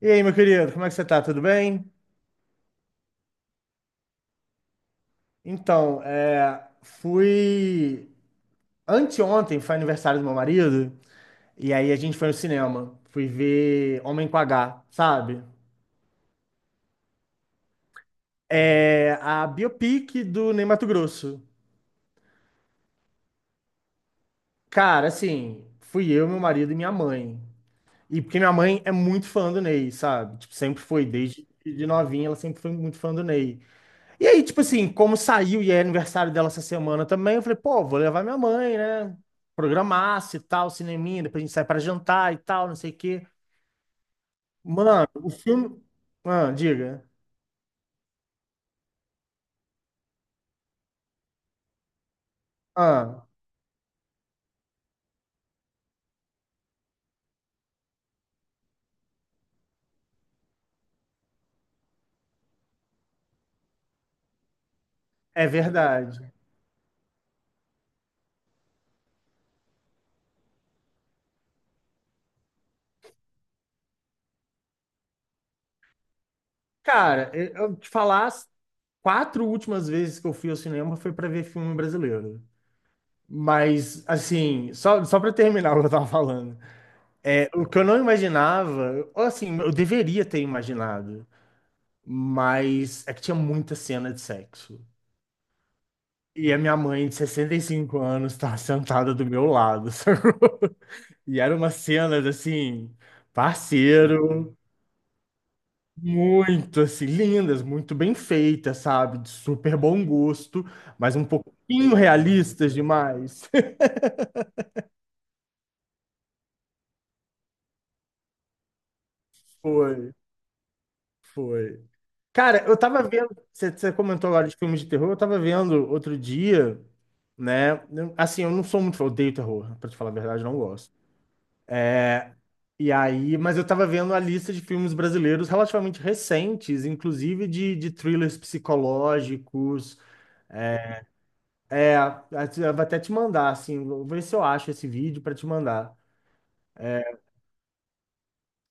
E aí, meu querido, como é que você tá? Tudo bem? Fui. Anteontem foi aniversário do meu marido, e aí a gente foi no cinema. Fui ver Homem com H, sabe? É a biopic do Ney Matogrosso. Cara, assim, fui eu, meu marido e minha mãe. E porque minha mãe é muito fã do Ney, sabe? Tipo, sempre foi, desde de novinha, ela sempre foi muito fã do Ney. E aí, tipo assim, como saiu e é aniversário dela essa semana também, eu falei, pô, vou levar minha mãe, né? Programar-se e tal, cineminha, depois a gente sai pra jantar e tal, não sei o quê. Mano, o filme. Ah, diga. Ah, é verdade. Cara, eu te falar, as quatro últimas vezes que eu fui ao cinema foi pra ver filme brasileiro. Mas, assim, só para terminar o que eu tava falando, é, o que eu não imaginava, ou assim, eu deveria ter imaginado, mas é que tinha muita cena de sexo. E a minha mãe, de 65 anos, estava sentada do meu lado, sacou? E eram umas cenas assim, parceiro, muito assim, lindas, muito bem feitas, sabe? De super bom gosto, mas um pouquinho realistas demais. Foi, foi. Cara, eu tava vendo, você comentou agora de filmes de terror, eu tava vendo outro dia, né? Assim, eu não sou muito, eu odeio terror, pra te falar a verdade, eu não gosto. E aí, mas eu tava vendo a lista de filmes brasileiros relativamente recentes, inclusive de thrillers psicológicos. É, eu vou até te mandar, assim, vou ver se eu acho esse vídeo pra te mandar.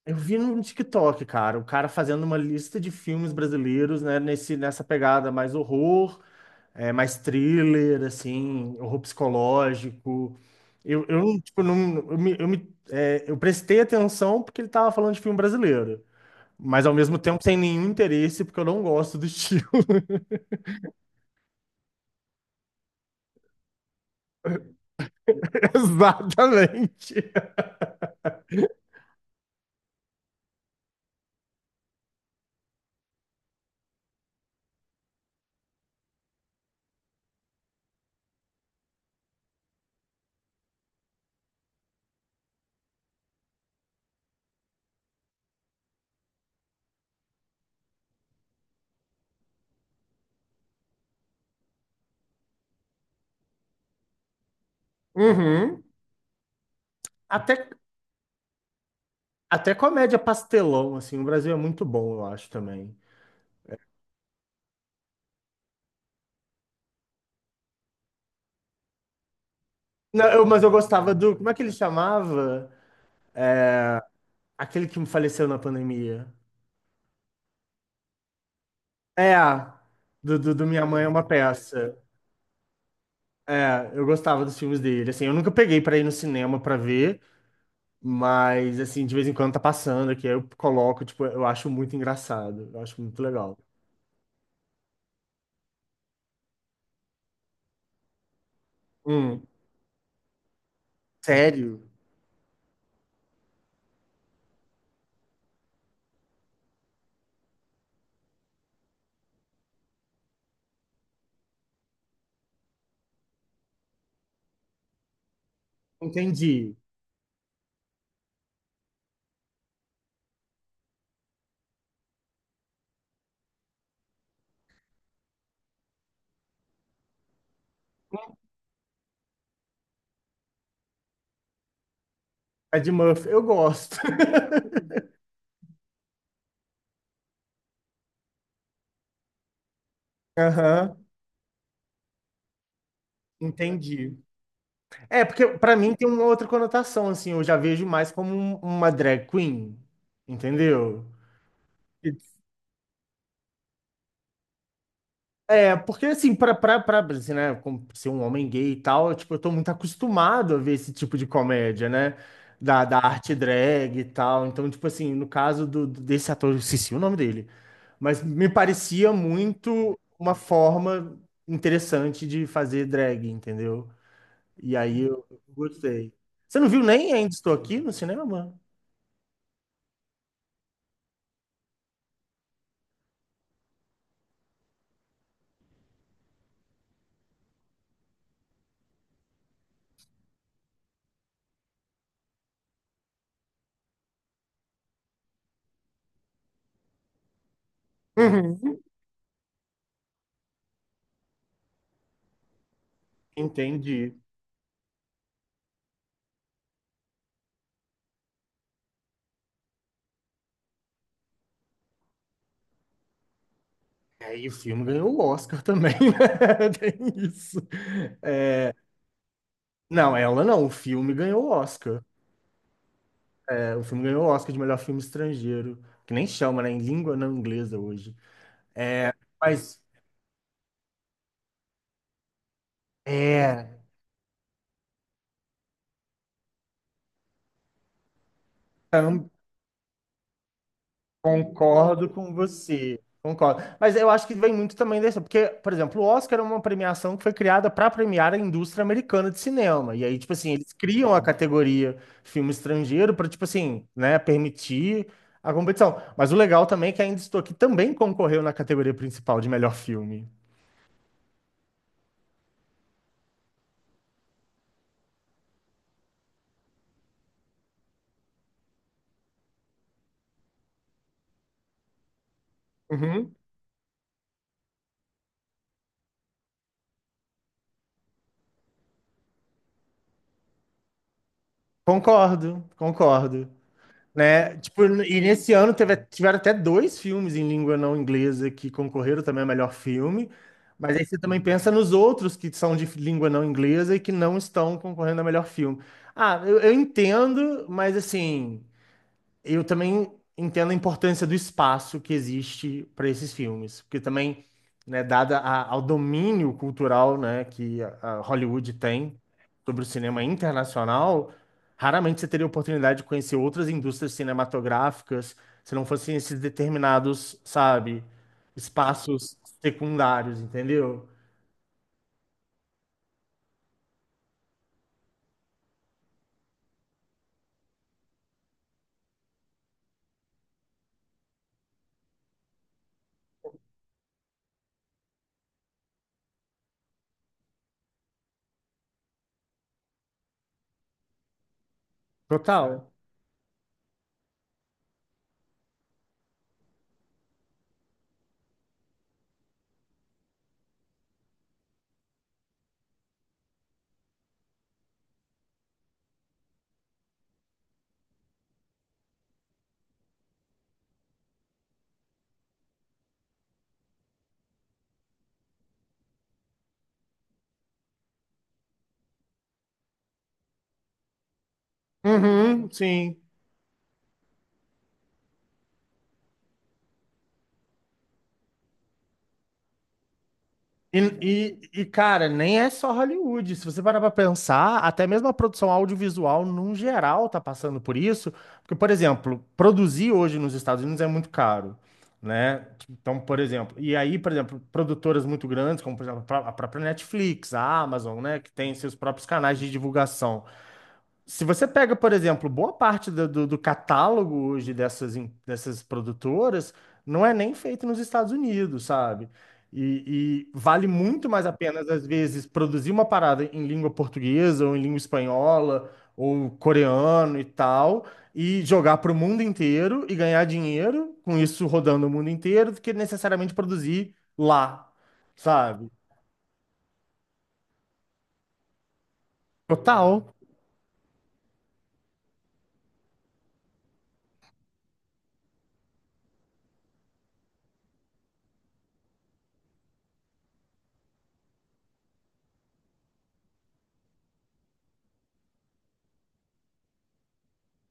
Eu vi no TikTok, cara, o cara fazendo uma lista de filmes brasileiros, né, nessa pegada mais horror, é, mais thriller, assim, horror psicológico. Tipo, não, eu prestei atenção porque ele tava falando de filme brasileiro. Mas ao mesmo tempo sem nenhum interesse, porque eu não gosto do estilo. Exatamente. Uhum. Até, até comédia pastelão, assim, o Brasil é muito bom, eu acho também. Não, mas eu gostava do. Como é que ele chamava? Aquele que faleceu na pandemia. É, do Minha Mãe é uma Peça. É, eu gostava dos filmes dele. Assim, eu nunca peguei pra ir no cinema pra ver, mas, assim, de vez em quando tá passando aqui, aí eu coloco, tipo, eu acho muito engraçado. Eu acho muito legal. Hum, sério? Entendi. Ed Murphy, eu gosto. Aham, entendi. É, porque pra mim tem uma outra conotação, assim, eu já vejo mais como uma drag queen, entendeu? É, porque assim, assim, né, como ser um homem gay e tal, tipo, eu tô muito acostumado a ver esse tipo de comédia, né? Da arte drag e tal. Então, tipo assim, no caso do desse ator, eu esqueci o nome dele, mas me parecia muito uma forma interessante de fazer drag, entendeu? E aí eu gostei. Você não viu nem Ainda Estou Aqui no cinema, mano? Uhum. Entendi. E aí o filme ganhou o Oscar também, né? Tem isso. Não, ela não. O filme ganhou o Oscar. É, o filme ganhou o Oscar de melhor filme estrangeiro. Que nem chama, né? Em língua não inglesa hoje. Mas, é. Concordo com você. Concordo. Mas eu acho que vem muito também dessa, porque, por exemplo, o Oscar é uma premiação que foi criada para premiar a indústria americana de cinema. E aí, tipo assim, eles criam a categoria filme estrangeiro para, tipo assim, né, permitir a competição. Mas o legal também é que Ainda Estou Aqui também concorreu na categoria principal de melhor filme. Uhum. Concordo. Né? Tipo, e nesse ano teve, tiveram até dois filmes em língua não inglesa que concorreram também ao melhor filme. Mas aí você também pensa nos outros que são de língua não inglesa e que não estão concorrendo ao melhor filme. Ah, eu entendo, mas assim, eu também entendo a importância do espaço que existe para esses filmes, porque também, né, dada ao domínio cultural, né, que a Hollywood tem sobre o cinema internacional, raramente você teria oportunidade de conhecer outras indústrias cinematográficas se não fossem esses determinados, sabe, espaços secundários, entendeu? Total. Uhum, sim. Cara, nem é só Hollywood. Se você parar pra pensar, até mesmo a produção audiovisual, num geral, tá passando por isso. Porque, por exemplo, produzir hoje nos Estados Unidos é muito caro, né? Então, por exemplo, e aí, por exemplo, produtoras muito grandes, como, por exemplo, a própria Netflix, a Amazon, né, que tem seus próprios canais de divulgação. Se você pega, por exemplo, boa parte do catálogo hoje dessas, dessas produtoras, não é nem feito nos Estados Unidos, sabe? E vale muito mais a pena, às vezes, produzir uma parada em língua portuguesa, ou em língua espanhola, ou coreano e tal, e jogar para o mundo inteiro e ganhar dinheiro com isso rodando o mundo inteiro, do que necessariamente produzir lá, sabe? Total.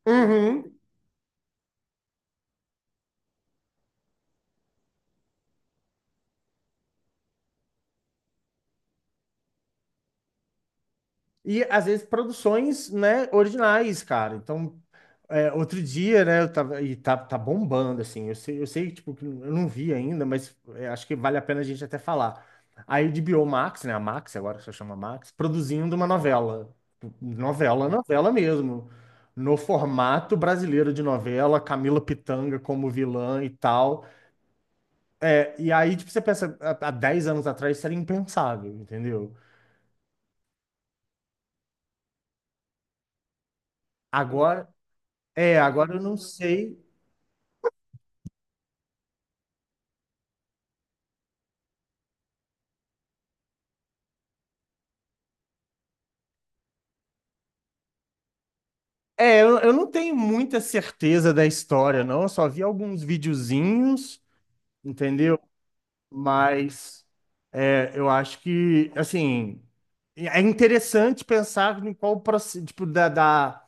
Uhum. E às vezes produções, né, originais, cara. Então, é, outro dia, né, eu tava, e tá bombando, assim. Tipo, que eu não vi ainda, mas é, acho que vale a pena a gente até falar. Aí a HBO Max, né, a Max, agora só chama Max, produzindo uma novela. Novela mesmo. No formato brasileiro de novela, Camila Pitanga como vilã e tal. É, e aí, tipo, você pensa, há 10 anos atrás isso era impensável, entendeu? Agora, é, agora eu não sei. É, eu não tenho muita certeza da história, não. Eu só vi alguns videozinhos, entendeu? Mas é, eu acho que, assim, é interessante pensar em qual o processo, tipo,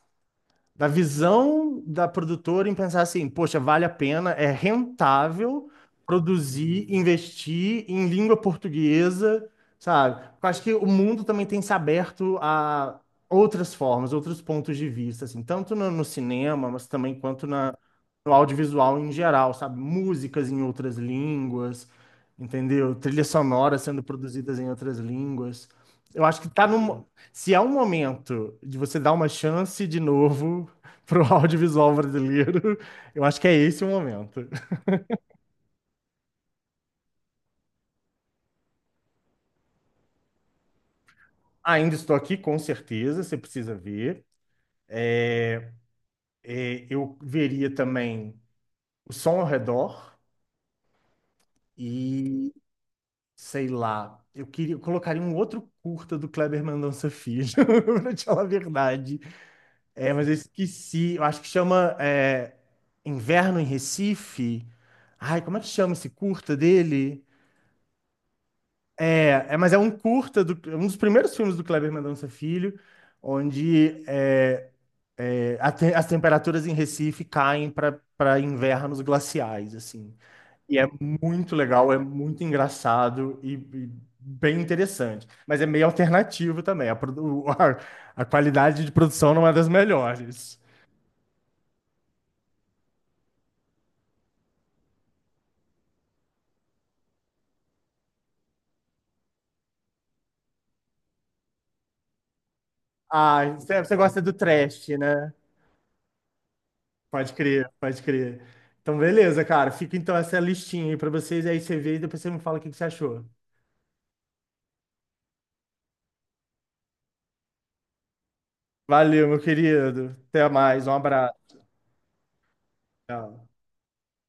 da visão da produtora em pensar assim, poxa, vale a pena, é rentável produzir, investir em língua portuguesa, sabe? Eu acho que o mundo também tem se aberto a outras formas, outros pontos de vista, assim, tanto no, no cinema, mas também quanto na, no audiovisual em geral, sabe? Músicas em outras línguas, entendeu? Trilhas sonoras sendo produzidas em outras línguas. Eu acho que tá no. Se é um momento de você dar uma chance de novo pro audiovisual brasileiro, eu acho que é esse o momento. Ainda estou aqui, com certeza, você precisa ver. É, eu veria também o som ao redor e, sei lá, eu queria, eu colocaria um outro curta do Kleber Mendonça Filho, pra te falar a verdade. É, mas eu esqueci. Eu acho que chama é, Inverno em Recife. Ai, como é que chama esse curta dele? Mas é um curta, é um dos primeiros filmes do Kleber Mendonça Filho, onde é, é, as temperaturas em Recife caem para invernos glaciais, assim. E é muito legal, é muito engraçado e bem interessante. Mas é meio alternativo também. A qualidade de produção não é das melhores. Ah, você gosta do trash, né? Pode crer. Então, beleza, cara. Fica então essa listinha aí pra vocês, aí você vê e depois você me fala o que que você achou. Valeu, meu querido. Até mais. Um abraço. Tchau.